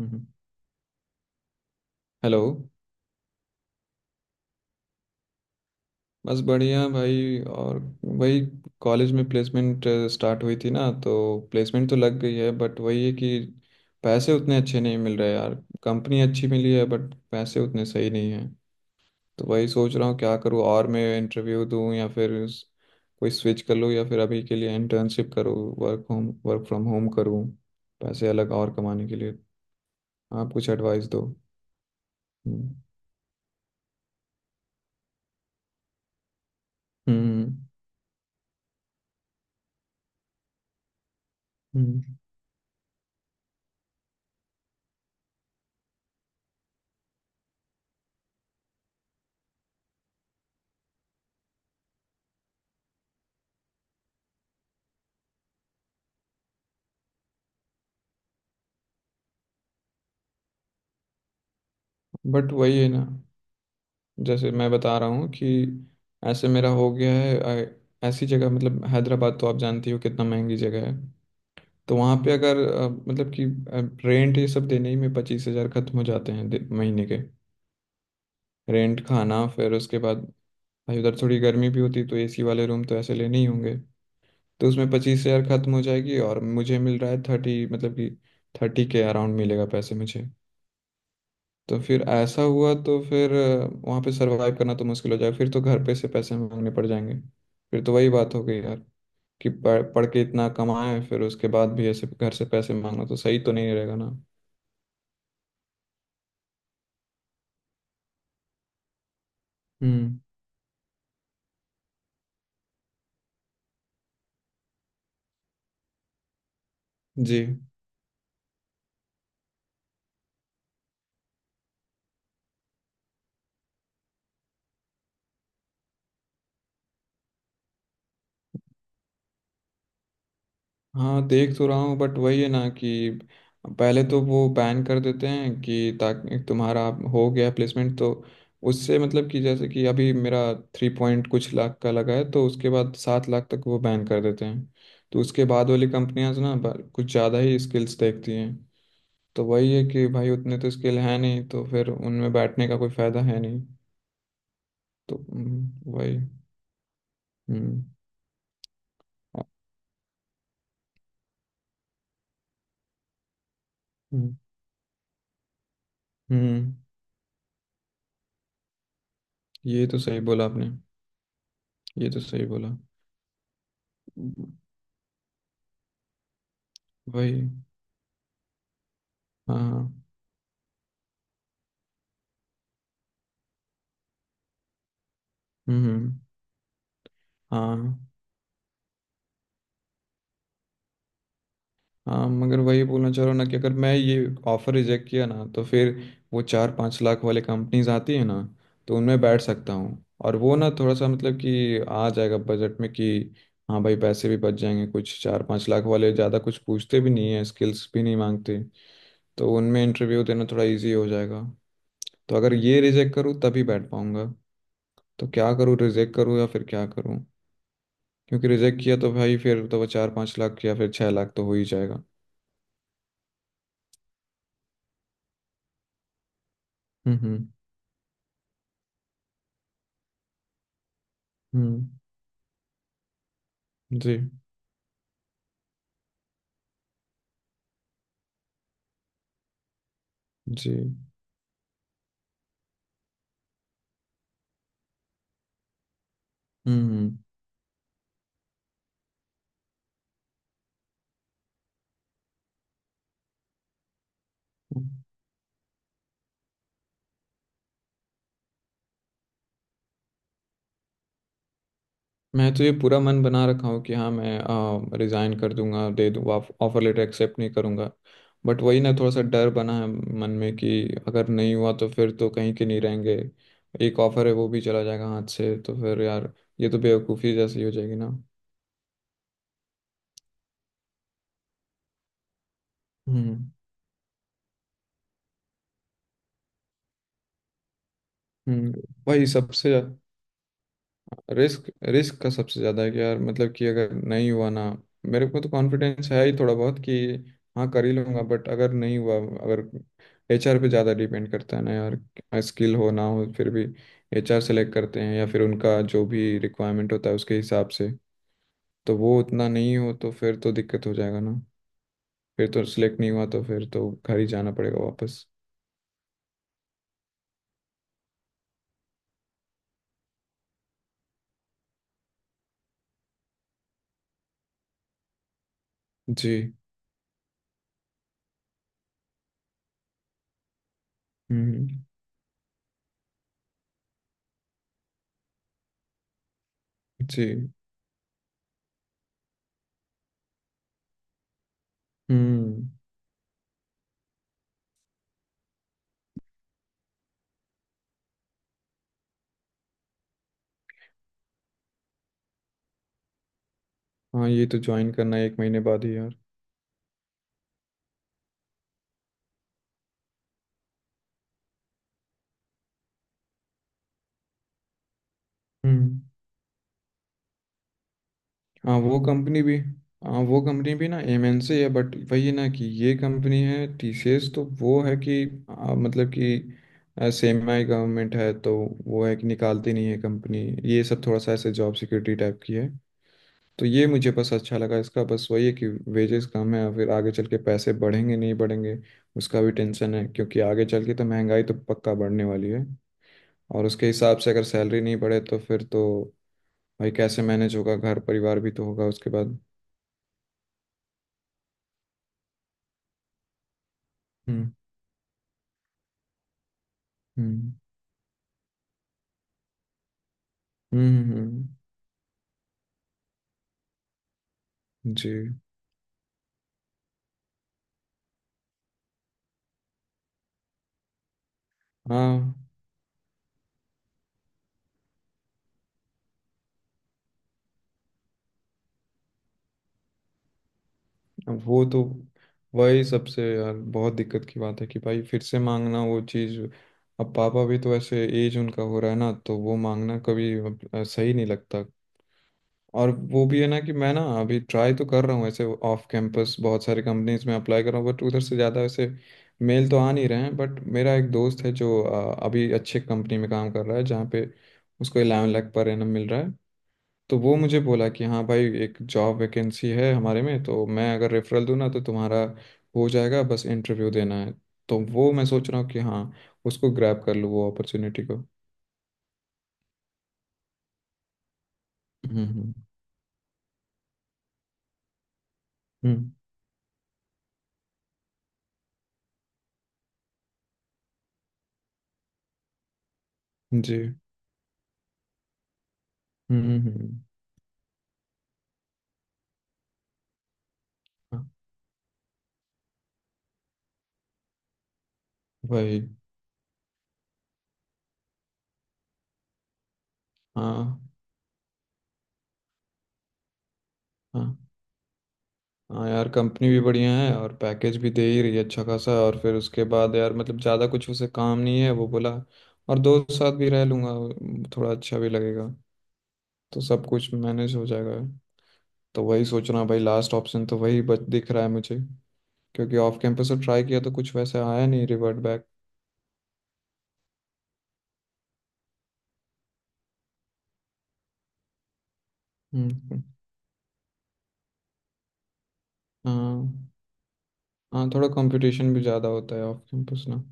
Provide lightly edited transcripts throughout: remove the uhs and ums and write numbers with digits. हम्म। Hello. बस बढ़िया भाई। और वही कॉलेज में प्लेसमेंट स्टार्ट हुई थी ना, तो प्लेसमेंट तो लग गई है बट वही है कि पैसे उतने अच्छे नहीं मिल रहे यार। कंपनी अच्छी मिली है बट पैसे उतने सही नहीं है। तो वही सोच रहा हूँ क्या करूँ और मैं इंटरव्यू दूँ या फिर कोई स्विच कर लूँ या फिर अभी के लिए इंटर्नशिप करूँ, वर्क फ्रॉम होम करूँ, पैसे अलग और कमाने के लिए। आप कुछ एडवाइस दो। हम्म। हम्म। हम्म। बट वही है ना, जैसे मैं बता रहा हूँ कि ऐसे मेरा हो गया है ऐसी जगह, मतलब हैदराबाद तो आप जानती हो कितना महंगी जगह है। तो वहाँ पे अगर मतलब कि रेंट ये सब देने ही में 25 हजार खत्म हो जाते हैं महीने के। रेंट, खाना, फिर उसके बाद भाई उधर थोड़ी गर्मी भी होती तो एसी वाले रूम तो ऐसे लेने ही होंगे। तो उसमें 25 हजार खत्म हो जाएगी, और मुझे मिल रहा है 30, मतलब कि 30 के अराउंड मिलेगा पैसे मुझे। तो फिर ऐसा हुआ तो फिर वहाँ पे सरवाइव करना तो मुश्किल हो जाएगा, फिर तो घर पे से पैसे मांगने पड़ जाएंगे। फिर तो वही बात हो गई यार, कि पढ़ पढ़ के इतना कमाए फिर उसके बाद भी ऐसे घर से पैसे मांगना तो सही तो नहीं रहेगा ना। हम्म। जी। हाँ, देख तो रहा हूँ, बट वही है ना कि पहले तो वो बैन कर देते हैं कि ताकि तुम्हारा हो गया प्लेसमेंट, तो उससे, मतलब कि जैसे कि अभी मेरा 3 पॉइंट कुछ लाख का लगा है तो उसके बाद 7 लाख तक वो बैन कर देते हैं। तो उसके बाद वाली कंपनियां ना कुछ ज़्यादा ही स्किल्स देखती हैं। तो वही है कि भाई उतने तो स्किल है नहीं तो फिर उनमें बैठने का कोई फायदा है नहीं। तो वही। हम्म। हम्म। हम्म, ये तो सही बोला आपने। ये तो सही बोला। वही। हाँ। हम्म। हाँ, हाँ, मगर वही बोलना चाह रहा हूँ ना कि अगर मैं ये ऑफर रिजेक्ट किया ना तो फिर वो 4-5 लाख वाले कंपनीज आती है ना, तो उनमें बैठ सकता हूँ। और वो ना थोड़ा सा मतलब कि आ जाएगा बजट में कि हाँ भाई पैसे भी बच जाएंगे कुछ। 4-5 लाख वाले ज़्यादा कुछ पूछते भी नहीं है, स्किल्स भी नहीं मांगते, तो उनमें इंटरव्यू देना थोड़ा इजी हो जाएगा। तो अगर ये रिजेक्ट करूँ तभी बैठ पाऊंगा। तो क्या करूँ, रिजेक्ट करूँ या फिर क्या करूँ? क्योंकि रिजेक्ट किया तो भाई फिर तो वो 4-5 लाख या फिर 6 लाख तो हो ही जाएगा। हम्म। हम्म। हम्म, जी। जी। हम्म। मैं तो ये पूरा मन बना रखा हूँ कि हाँ मैं रिज़ाइन कर दूंगा, दे दूँ, ऑफर लेटर एक्सेप्ट नहीं करूँगा। बट वही ना थोड़ा सा डर बना है मन में कि अगर नहीं हुआ तो फिर तो कहीं के नहीं रहेंगे। एक ऑफर है वो भी चला जाएगा हाथ से, तो फिर यार ये तो बेवकूफ़ी जैसी हो जाएगी ना। हम्म। हम्म। वही सबसे रिस्क, रिस्क का सबसे ज़्यादा है कि यार, मतलब कि अगर नहीं हुआ ना, मेरे को तो कॉन्फिडेंस है ही थोड़ा बहुत कि हाँ कर ही लूंगा, बट अगर नहीं हुआ, अगर एचआर पे ज़्यादा डिपेंड करता है ना यार। स्किल हो ना हो फिर भी एचआर सेलेक्ट करते हैं या फिर उनका जो भी रिक्वायरमेंट होता है उसके हिसाब से। तो वो उतना नहीं हो तो फिर तो दिक्कत हो जाएगा ना। फिर तो सिलेक्ट नहीं हुआ तो फिर तो घर ही जाना पड़ेगा वापस। जी। हम्म। जी। हम्म। हाँ, ये तो ज्वाइन करना है एक महीने बाद ही यार। हम्म। हाँ, वो कंपनी भी। हाँ, वो कंपनी भी ना एमएनसी है, बट वही है ना कि ये कंपनी है टीसीएस तो वो है कि मतलब कि सेमी गवर्नमेंट है, तो वो है कि निकालती नहीं है कंपनी। ये सब थोड़ा सा ऐसे जॉब सिक्योरिटी टाइप की है। तो ये मुझे बस अच्छा लगा इसका। बस वही है कि वेजेस कम है और फिर आगे चल के पैसे बढ़ेंगे नहीं बढ़ेंगे, उसका भी टेंशन है क्योंकि आगे चल के तो महंगाई तो पक्का बढ़ने वाली है। और उसके हिसाब से अगर सैलरी नहीं बढ़े तो फिर तो भाई कैसे मैनेज होगा? घर परिवार भी तो होगा उसके बाद। हम्म। हम्म। हम्म। जी। हाँ, अब वो तो, वही सबसे यार बहुत दिक्कत की बात है कि भाई फिर से मांगना वो चीज़। अब पापा भी तो ऐसे एज उनका हो रहा है ना, तो वो मांगना कभी सही नहीं लगता। और वो भी है ना कि मैं ना अभी ट्राई तो कर रहा हूँ ऐसे, ऑफ कैंपस बहुत सारी कंपनीज में अप्लाई कर रहा हूँ बट उधर से ज़्यादा ऐसे मेल तो आ नहीं रहे हैं। बट मेरा एक दोस्त है जो अभी अच्छे कंपनी में काम कर रहा है, जहाँ पे उसको 11 लाख पर एनम मिल रहा है। तो वो मुझे बोला कि हाँ भाई एक जॉब वैकेंसी है हमारे में, तो मैं अगर रेफरल दूँ ना तो तुम्हारा हो जाएगा, बस इंटरव्यू देना है। तो वो मैं सोच रहा हूँ कि हाँ उसको ग्रैब कर लूँ वो अपॉर्चुनिटी को। हम्म। हम्म। हम्म, जी। हम्म। हम्म। हाँ, वही। हाँ। हाँ, हाँ यार कंपनी भी बढ़िया है और पैकेज भी दे ही रही है अच्छा खासा, और फिर उसके बाद यार मतलब ज़्यादा कुछ उसे काम नहीं है वो बोला। और दोस्त साथ भी रह लूँगा, थोड़ा अच्छा भी लगेगा। तो सब कुछ मैनेज हो जाएगा। तो वही सोच रहा हूँ भाई, लास्ट ऑप्शन तो वही बच दिख रहा है मुझे, क्योंकि ऑफ कैंपस से ट्राई किया तो कुछ वैसे आया नहीं रिवर्ट बैक। हम्म। हाँ। हाँ, थोड़ा कंपटीशन भी ज़्यादा होता है ऑफ कैंपस ना।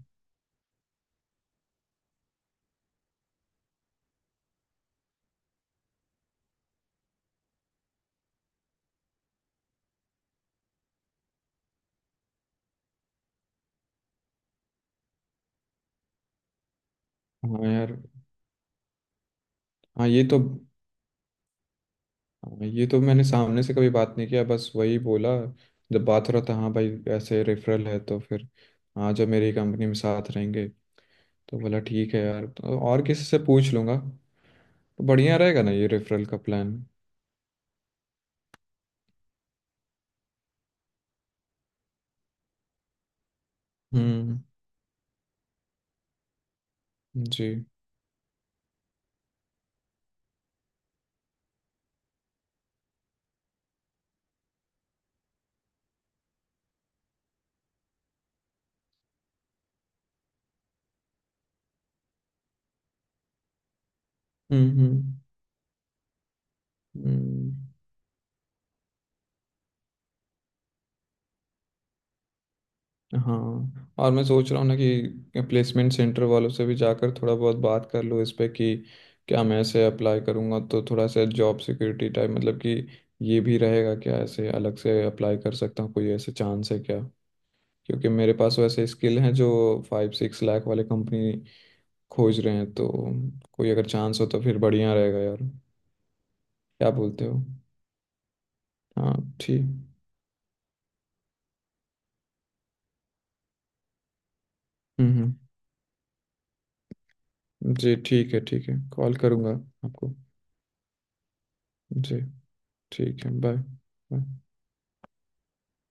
हाँ यार। हाँ, ये तो। हाँ, ये तो मैंने सामने से कभी बात नहीं किया, बस वही बोला जब बात हो रहा था, हाँ भाई ऐसे रेफरल है तो फिर हाँ जब मेरी कंपनी में साथ रहेंगे, तो बोला ठीक है यार, तो और किसी से पूछ लूँगा तो बढ़िया रहेगा ना ये रेफरल का प्लान। हम्म। जी। हम्म। हम्म। हम्म। हाँ, और मैं सोच रहा हूँ ना कि प्लेसमेंट सेंटर वालों से भी जाकर थोड़ा बहुत बात कर लूँ इस पे, कि क्या मैं ऐसे अप्लाई करूँगा तो थोड़ा सा जॉब सिक्योरिटी टाइप, मतलब कि ये भी रहेगा क्या? ऐसे अलग से अप्लाई कर सकता हूँ, कोई ऐसे चांस है क्या? क्योंकि मेरे पास वैसे स्किल हैं जो 5-6 लाख वाले कंपनी खोज रहे हैं, तो कोई अगर चांस हो तो फिर बढ़िया रहेगा यार। क्या बोलते हो? हाँ। ठीक। हम्म। हम्म, जी ठीक है, ठीक है, कॉल करूँगा आपको। जी ठीक है। Bye bye.